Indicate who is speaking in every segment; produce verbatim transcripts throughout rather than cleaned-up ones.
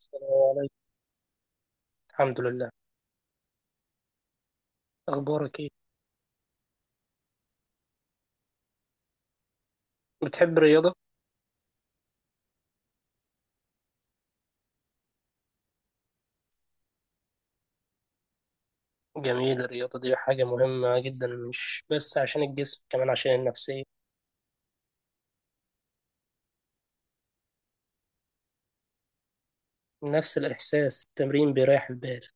Speaker 1: السلام عليكم. الحمد لله. اخبارك ايه؟ بتحب الرياضه؟ جميل، الرياضه دي حاجه مهمه جدا، مش بس عشان الجسم، كمان عشان النفسيه. نفس الاحساس، التمرين بيريح البال.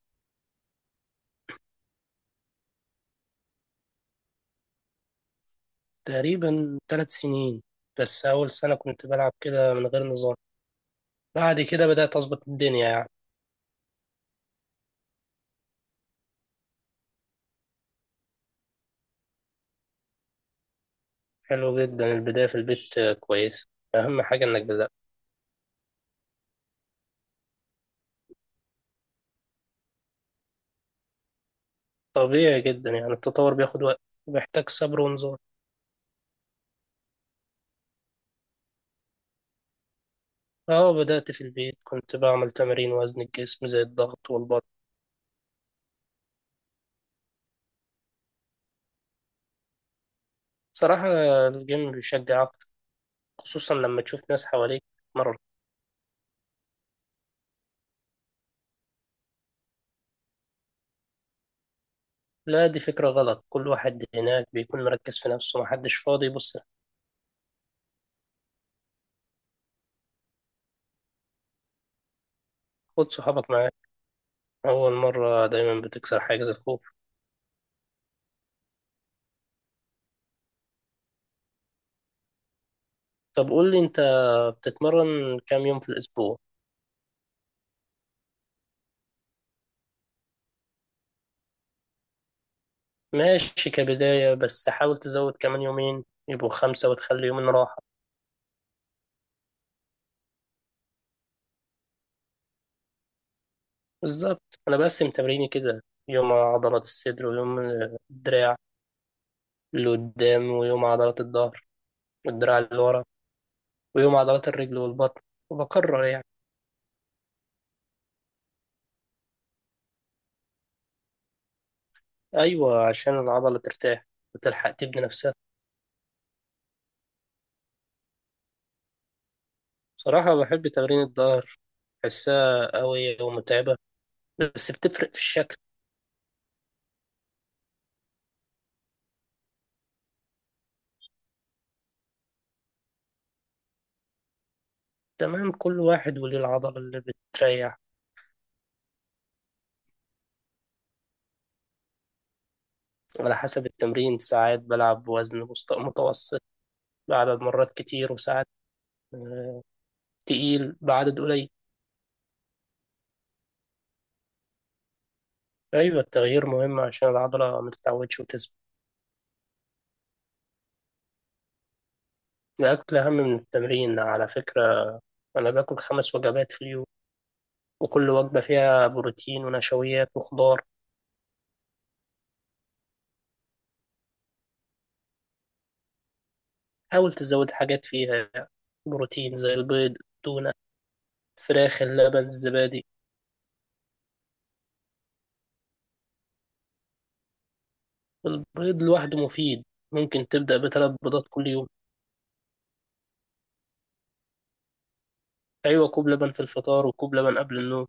Speaker 1: تقريبا ثلاث سنين. بس اول سنه كنت بلعب كده من غير نظام. بعد كده بدات اظبط الدنيا يعني. حلو جدا، البدايه في البيت آه، كويسه. اهم حاجه انك بدات. طبيعي جدا يعني، التطور بياخد وقت، وبيحتاج صبر ونظام. اه، بدأت في البيت، كنت بعمل تمارين وزن الجسم زي الضغط والبطن. صراحة، الجيم بيشجع أكتر، خصوصا لما تشوف ناس حواليك مرة. لا، دي فكرة غلط، كل واحد هناك بيكون مركز في نفسه، محدش فاضي يبص لك. خد صحابك معاك، أول مرة دايما بتكسر حاجز الخوف. طب قول لي أنت، بتتمرن كام يوم في الأسبوع؟ ماشي كبداية، بس حاول تزود كمان يومين يبقوا خمسة، وتخلي يومين راحة. بالظبط، أنا بقسم تمريني كده، يوم عضلات الصدر، ويوم الدراع اللي قدام، ويوم عضلات الظهر والدراع اللي ورا، ويوم عضلات الرجل والبطن، وبكرر يعني. أيوة، عشان العضلة ترتاح وتلحق تبني نفسها. صراحة بحب تمرين الظهر، بحسها قوية ومتعبة، بس بتفرق في الشكل. تمام، كل واحد وليه العضلة اللي بتريح. على حسب التمرين، ساعات بلعب بوزن مست- متوسط بعدد مرات كتير، وساعات آه، تقيل بعدد قليل. أيوة، التغيير مهم عشان العضلة ما تتعودش وتثبت. الأكل أهم من التمرين على فكرة. أنا باكل خمس وجبات في اليوم، وكل وجبة فيها بروتين ونشويات وخضار. حاول تزود حاجات فيها يعني بروتين زي البيض، التونة، الفراخ، اللبن، الزبادي. البيض لوحده مفيد، ممكن تبدأ بثلاث بيضات كل يوم. أيوة، كوب لبن في الفطار، وكوب لبن قبل النوم.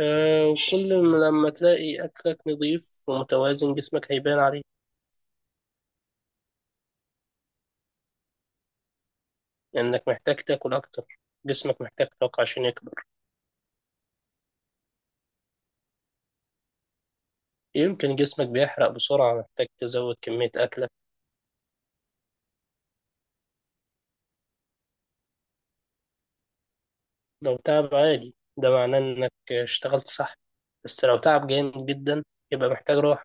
Speaker 1: آه، وكل ما- لما تلاقي أكلك نظيف ومتوازن جسمك هيبان عليه. لأنك محتاج تاكل أكتر، جسمك محتاج طاقة عشان يكبر. يمكن جسمك بيحرق بسرعة، محتاج تزود كمية أكلك. لو تعب عادي ده معناه انك اشتغلت صح، بس لو تعب جامد جدا يبقى محتاج راحة.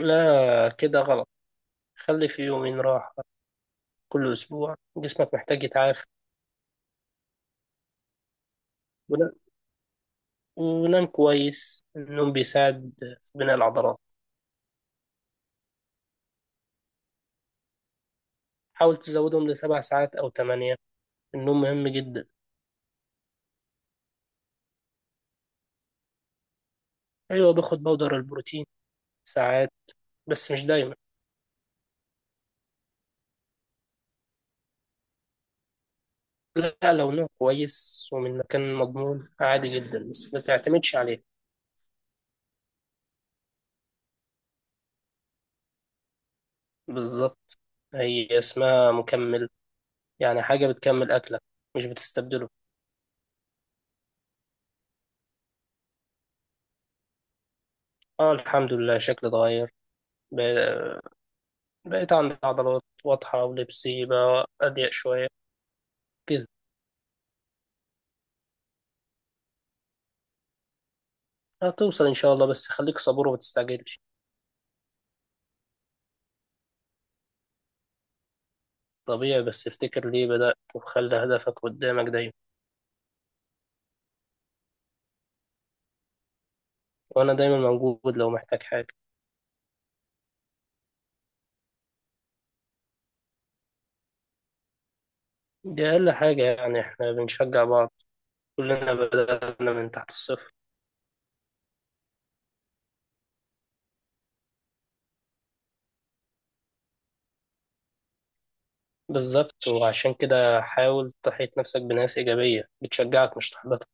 Speaker 1: لا، كده غلط، خلي في يومين راحة كل أسبوع، جسمك محتاج يتعافى. ون- ونام كويس، النوم بيساعد في بناء العضلات. حاول تزودهم لسبع ساعات أو تمانية، النوم مهم جدا. أيوة، باخد بودر البروتين ساعات، بس مش دايما. لا، لو نوم كويس ومن مكان مضمون عادي جدا، بس ما تعتمدش عليه. بالظبط، هي اسمها مكملة، يعني حاجة بتكمل أكلك مش بتستبدله. اه، الحمد لله شكلي اتغير، ب- بقيت عندي عضلات واضحة، ولبسي بقى أضيق شوية كده. هتوصل إن شاء الله، بس خليك صبور وما تستعجلش. طبيعي، بس افتكر ليه بدأت وخلي هدفك قدامك دايما. وأنا دايما موجود لو محتاج حاجة. دي أقل حاجة يعني، إحنا بنشجع بعض، كلنا بدأنا من تحت الصفر. بالظبط، وعشان كده حاول تحيط نفسك بناس إيجابية بتشجعك مش تحبطك.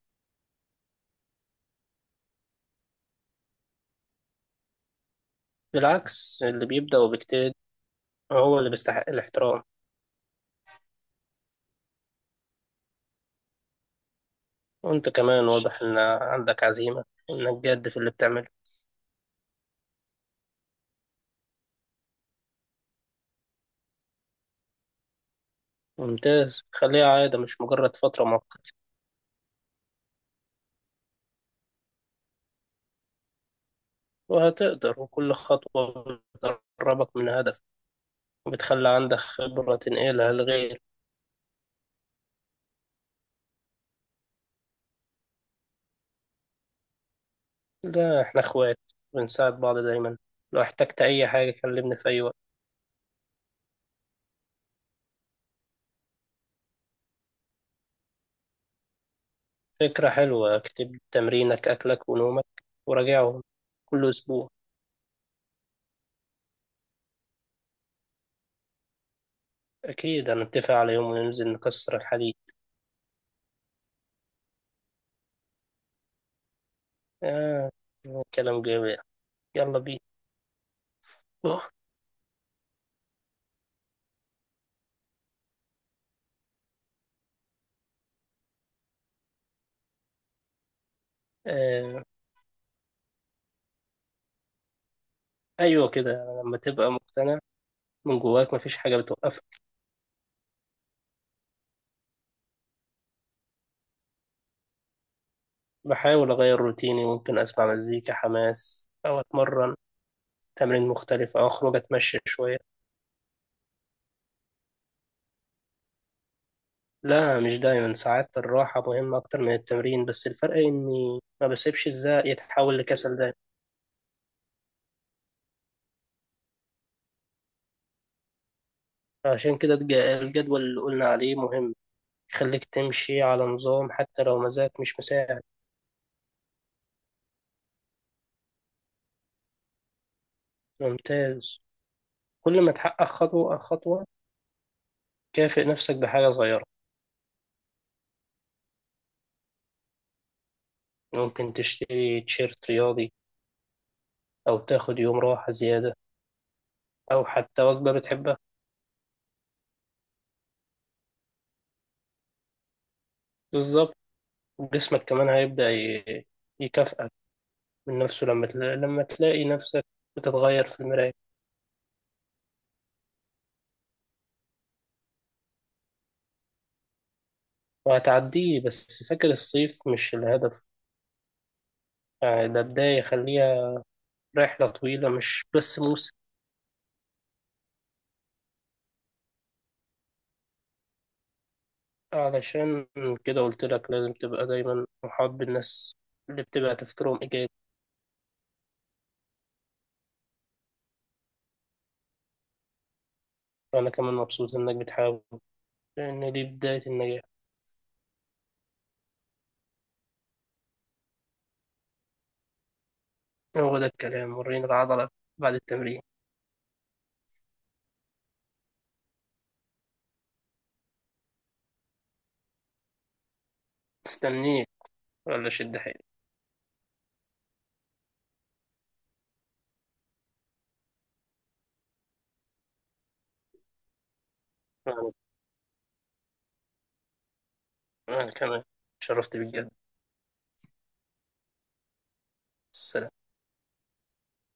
Speaker 1: بالعكس، اللي بيبدأ وبيجتهد هو اللي بيستحق الاحترام. وانت كمان واضح ان عندك عزيمة، وانك جاد في اللي بتعمله. ممتاز، خليها عادة مش مجرد فترة مؤقتة. وهتقدر، وكل خطوة بتقربك من هدف، وبتخلي عندك خبرة تنقلها لغير. ده احنا اخوات، بنساعد بعض دايما، لو احتجت اي حاجة كلمني في اي وقت. فكرة حلوة، اكتب تمرينك اكلك ونومك وراجعهم كل اسبوع. اكيد هنتفق على يوم وننزل نكسر الحديد. آه، كلام جميل، يلا بينا. آه، أيوة كده، لما تبقى مقتنع من جواك مفيش حاجة بتوقفك. بحاول أغير روتيني، ممكن أسمع مزيكا حماس أو أتمرن تمرين مختلف أو أخرج أتمشى شوية. لا، مش دايما، ساعات الراحة مهمة أكتر من التمرين، بس الفرق إني ما بسيبش الزهق يتحول لكسل دايما. عشان كده الج- الجدول اللي قلنا عليه مهم، يخليك تمشي على نظام حتى لو مزاجك مش مساعد. ممتاز، كل ما تحقق خطوة خطوة كافئ نفسك بحاجة صغيرة. ممكن تشتري تيشيرت رياضي، أو تاخد يوم راحة زيادة، أو حتى وجبة بتحبها. بالظبط، جسمك كمان هيبدأ ي- يكافئك من نفسه، لما تلا- لما تلاقي نفسك بتتغير في المراية. وهتعديه، بس فاكر الصيف مش الهدف، يعني ده بداية، خليها رحلة طويلة مش بس موسم. علشان كده قلت لك لازم تبقى دايما محاط بالناس اللي بتبقى تفكيرهم إيجابي. وأنا كمان مبسوط إنك بتحاول، لأن دي بداية النجاح. هو ده الكلام، وريني العضلة بعد التمرين. استنيك، ولا شد حيلك. أنا أنا كمان شرفت بالجد. السلام.